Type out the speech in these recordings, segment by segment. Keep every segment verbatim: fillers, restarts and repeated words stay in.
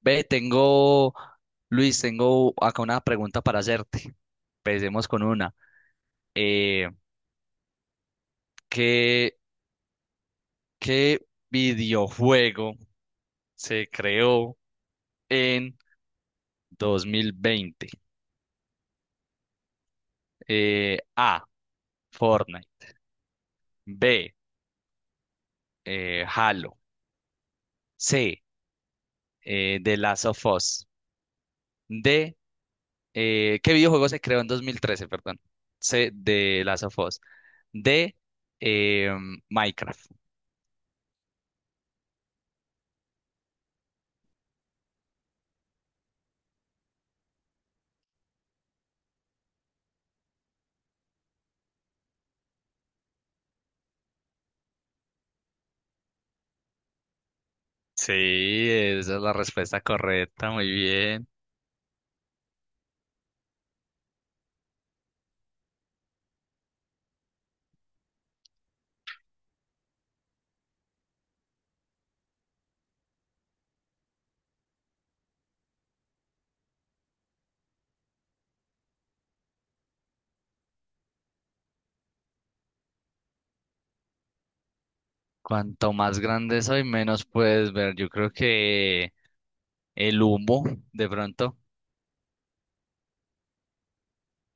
Ve, tengo, Luis, tengo acá una pregunta para hacerte. Empecemos con una. Eh, ¿qué, qué videojuego se creó en dos mil veinte? Eh, A, Fortnite. B, eh, Halo. C, eh, The Last of Us. D, eh, ¿qué videojuego se creó en dos mil trece? Perdón. C, The Last of Us. D, eh, Minecraft. Sí, esa es la respuesta correcta, muy bien. Cuanto más grande soy, menos puedes ver. Yo creo que el humo, de pronto.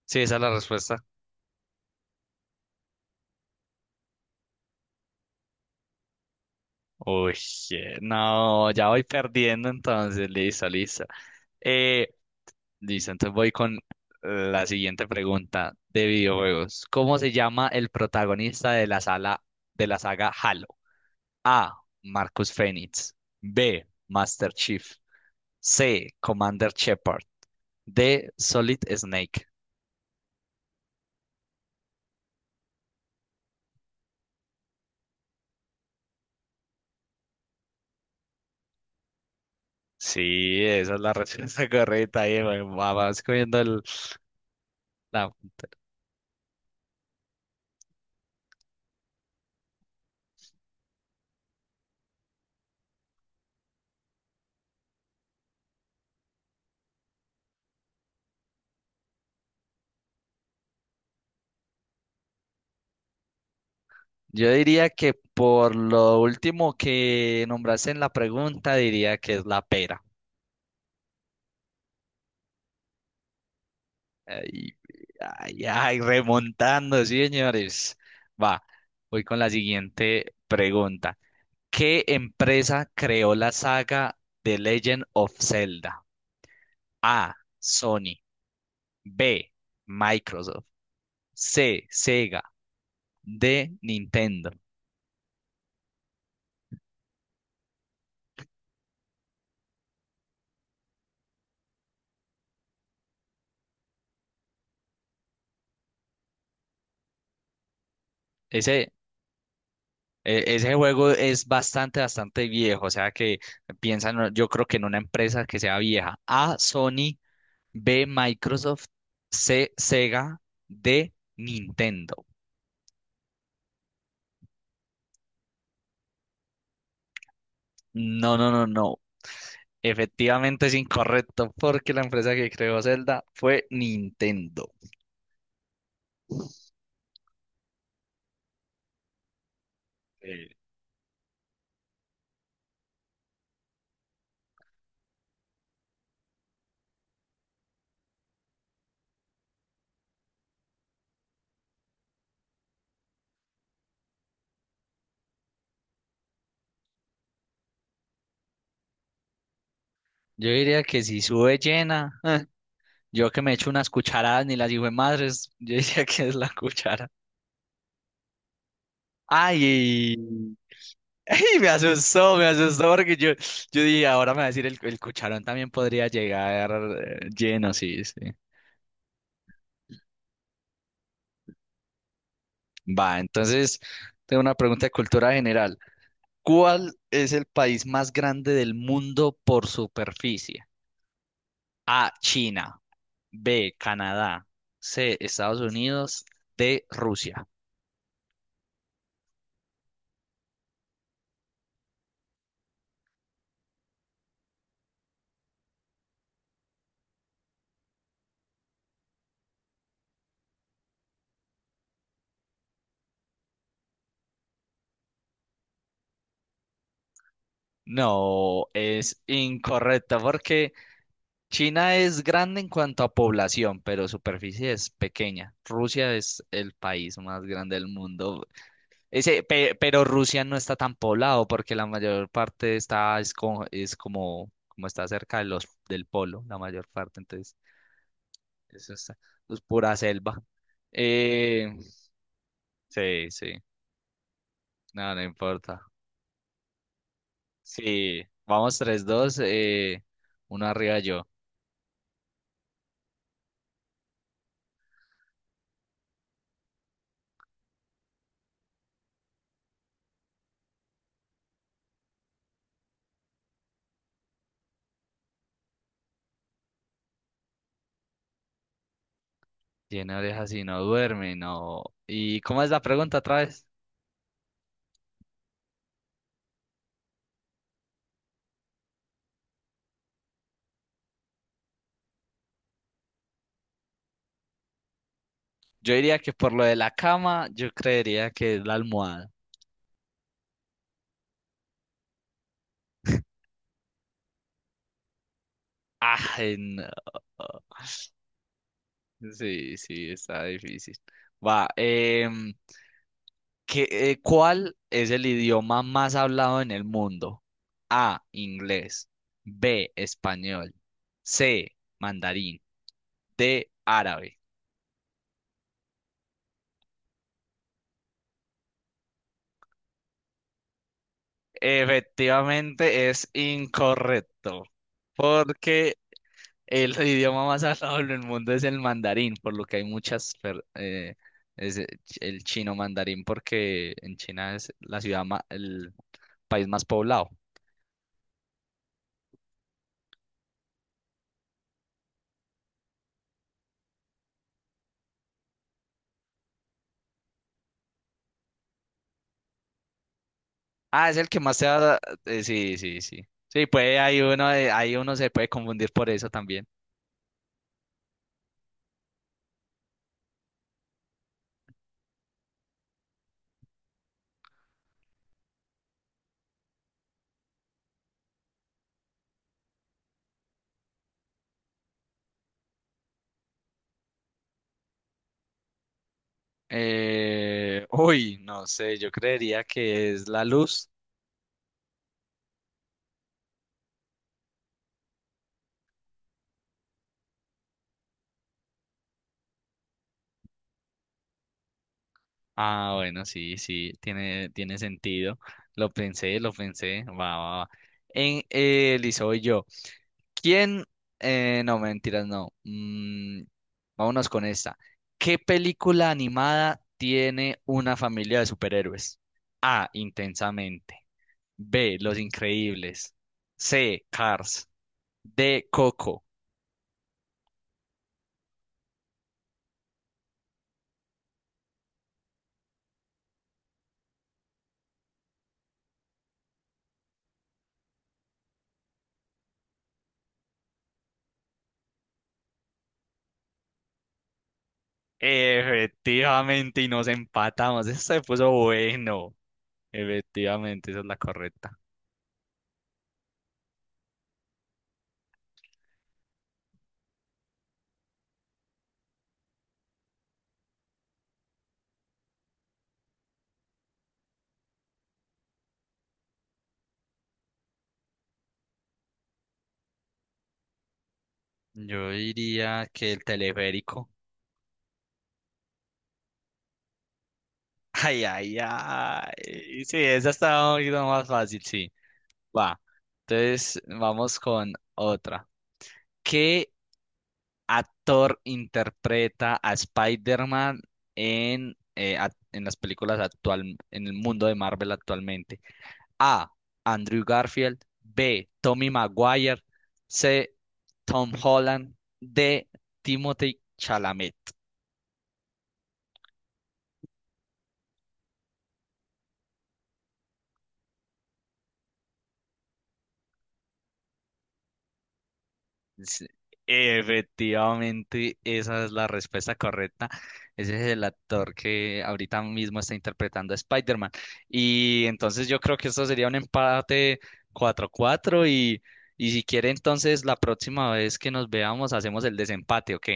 Sí, esa es la respuesta. Uy, je- no, ya voy perdiendo entonces. Listo, listo. Eh, Listo, entonces voy con la siguiente pregunta de videojuegos. ¿Cómo se llama el protagonista de la sala de la saga Halo? A. Marcus Fenix. B. Master Chief. C. Commander Shepard. De Solid Snake. Sí, esa es la respuesta correcta. Ahí va- vas comiendo el, la punta. Yo diría que por lo último que nombraste en la pregunta, diría que es la pera. Ay, ay, ay, remontando, sí, señores. Va, voy con la siguiente pregunta. ¿Qué empresa creó la saga The Legend of Zelda? A. Sony. B. Microsoft. C. Sega. De Nintendo. Ese, e- Ese juego es bastante, bastante viejo, o sea que piensan, yo creo que en una empresa que sea vieja. A, Sony, B, Microsoft, C, Sega, D, Nintendo. No, no, no, no. Efectivamente es incorrecto porque la empresa que creó Zelda fue Nintendo. Eh, Yo diría que si sube llena, eh, yo que me echo unas cucharadas ni las hijo de madres, yo diría que es la cuchara. Ay, y me asustó, me asustó porque yo, yo dije, ahora me va a decir el, el cucharón también podría llegar eh, lleno, sí, sí. Va, entonces tengo una pregunta de cultura general. ¿Cuál es el país más grande del mundo por superficie? A, China, B, Canadá, C, Estados Unidos, D, Rusia. No, es incorrecto porque China es grande en cuanto a población, pero superficie es pequeña. Rusia es el país más grande del mundo. Ese, pe- pero Rusia no está tan poblado porque la mayor parte está es, co- es como como está cerca de los del polo, la mayor parte, entonces eso está, es pura selva. Eh, sí, sí, no, no importa. Sí, vamos tres, dos, eh, uno arriba yo. Tiene orejas y no duerme, no. ¿Y cómo es la pregunta otra vez? Yo diría que por lo de la cama, yo creería que es la almohada. Ay, no. Sí, sí, está difícil. Va, em, ¿qué, eh, ¿cuál es el idioma más hablado en el mundo? A, inglés, B, español, C, mandarín, D, árabe. Efectivamente es incorrecto, porque El idioma más hablado en el mundo es el mandarín, por lo que hay muchas, per- eh, es el ch- el chino mandarín, porque en China es la ciudad, ma- el país más poblado. Ah, es el que más se da, eh, sí, sí, sí. Sí, puede, hay uno, de- hay uno se puede confundir por eso también. Eh, uy, no sé, yo creería que es la luz. Ah, bueno, sí, sí, tiene, tiene sentido. Lo pensé, lo pensé. Va, va, va. En eh, Lizo y soy yo. ¿Quién? eh, no, mentiras, no. Mm, vámonos con esta. ¿Qué película animada tiene una familia de superhéroes? A. Intensamente. B. Los Increíbles. C. Cars. D. Coco. Efectivamente, y nos empatamos. Eso se puso bueno. Efectivamente, esa es la correcta. Yo diría que el teleférico. Ay, ay, ay. Sí, esa está un poquito más fácil, sí. Va. Entonces, vamos con otra. ¿Qué actor interpreta a Spider-Man en, eh, act- en las películas actual, en el mundo de Marvel actualmente? A. Andrew Garfield. B. Tommy Maguire. C. Tom Holland. D. Timothée Chalamet. Sí, Efectivamente, esa es la respuesta correcta. Ese es el actor que ahorita mismo está interpretando a Spider-Man. Y entonces yo creo que esto sería un empate cuatro a cuatro y, y si quiere entonces la próxima vez que nos veamos hacemos el desempate, ¿ok?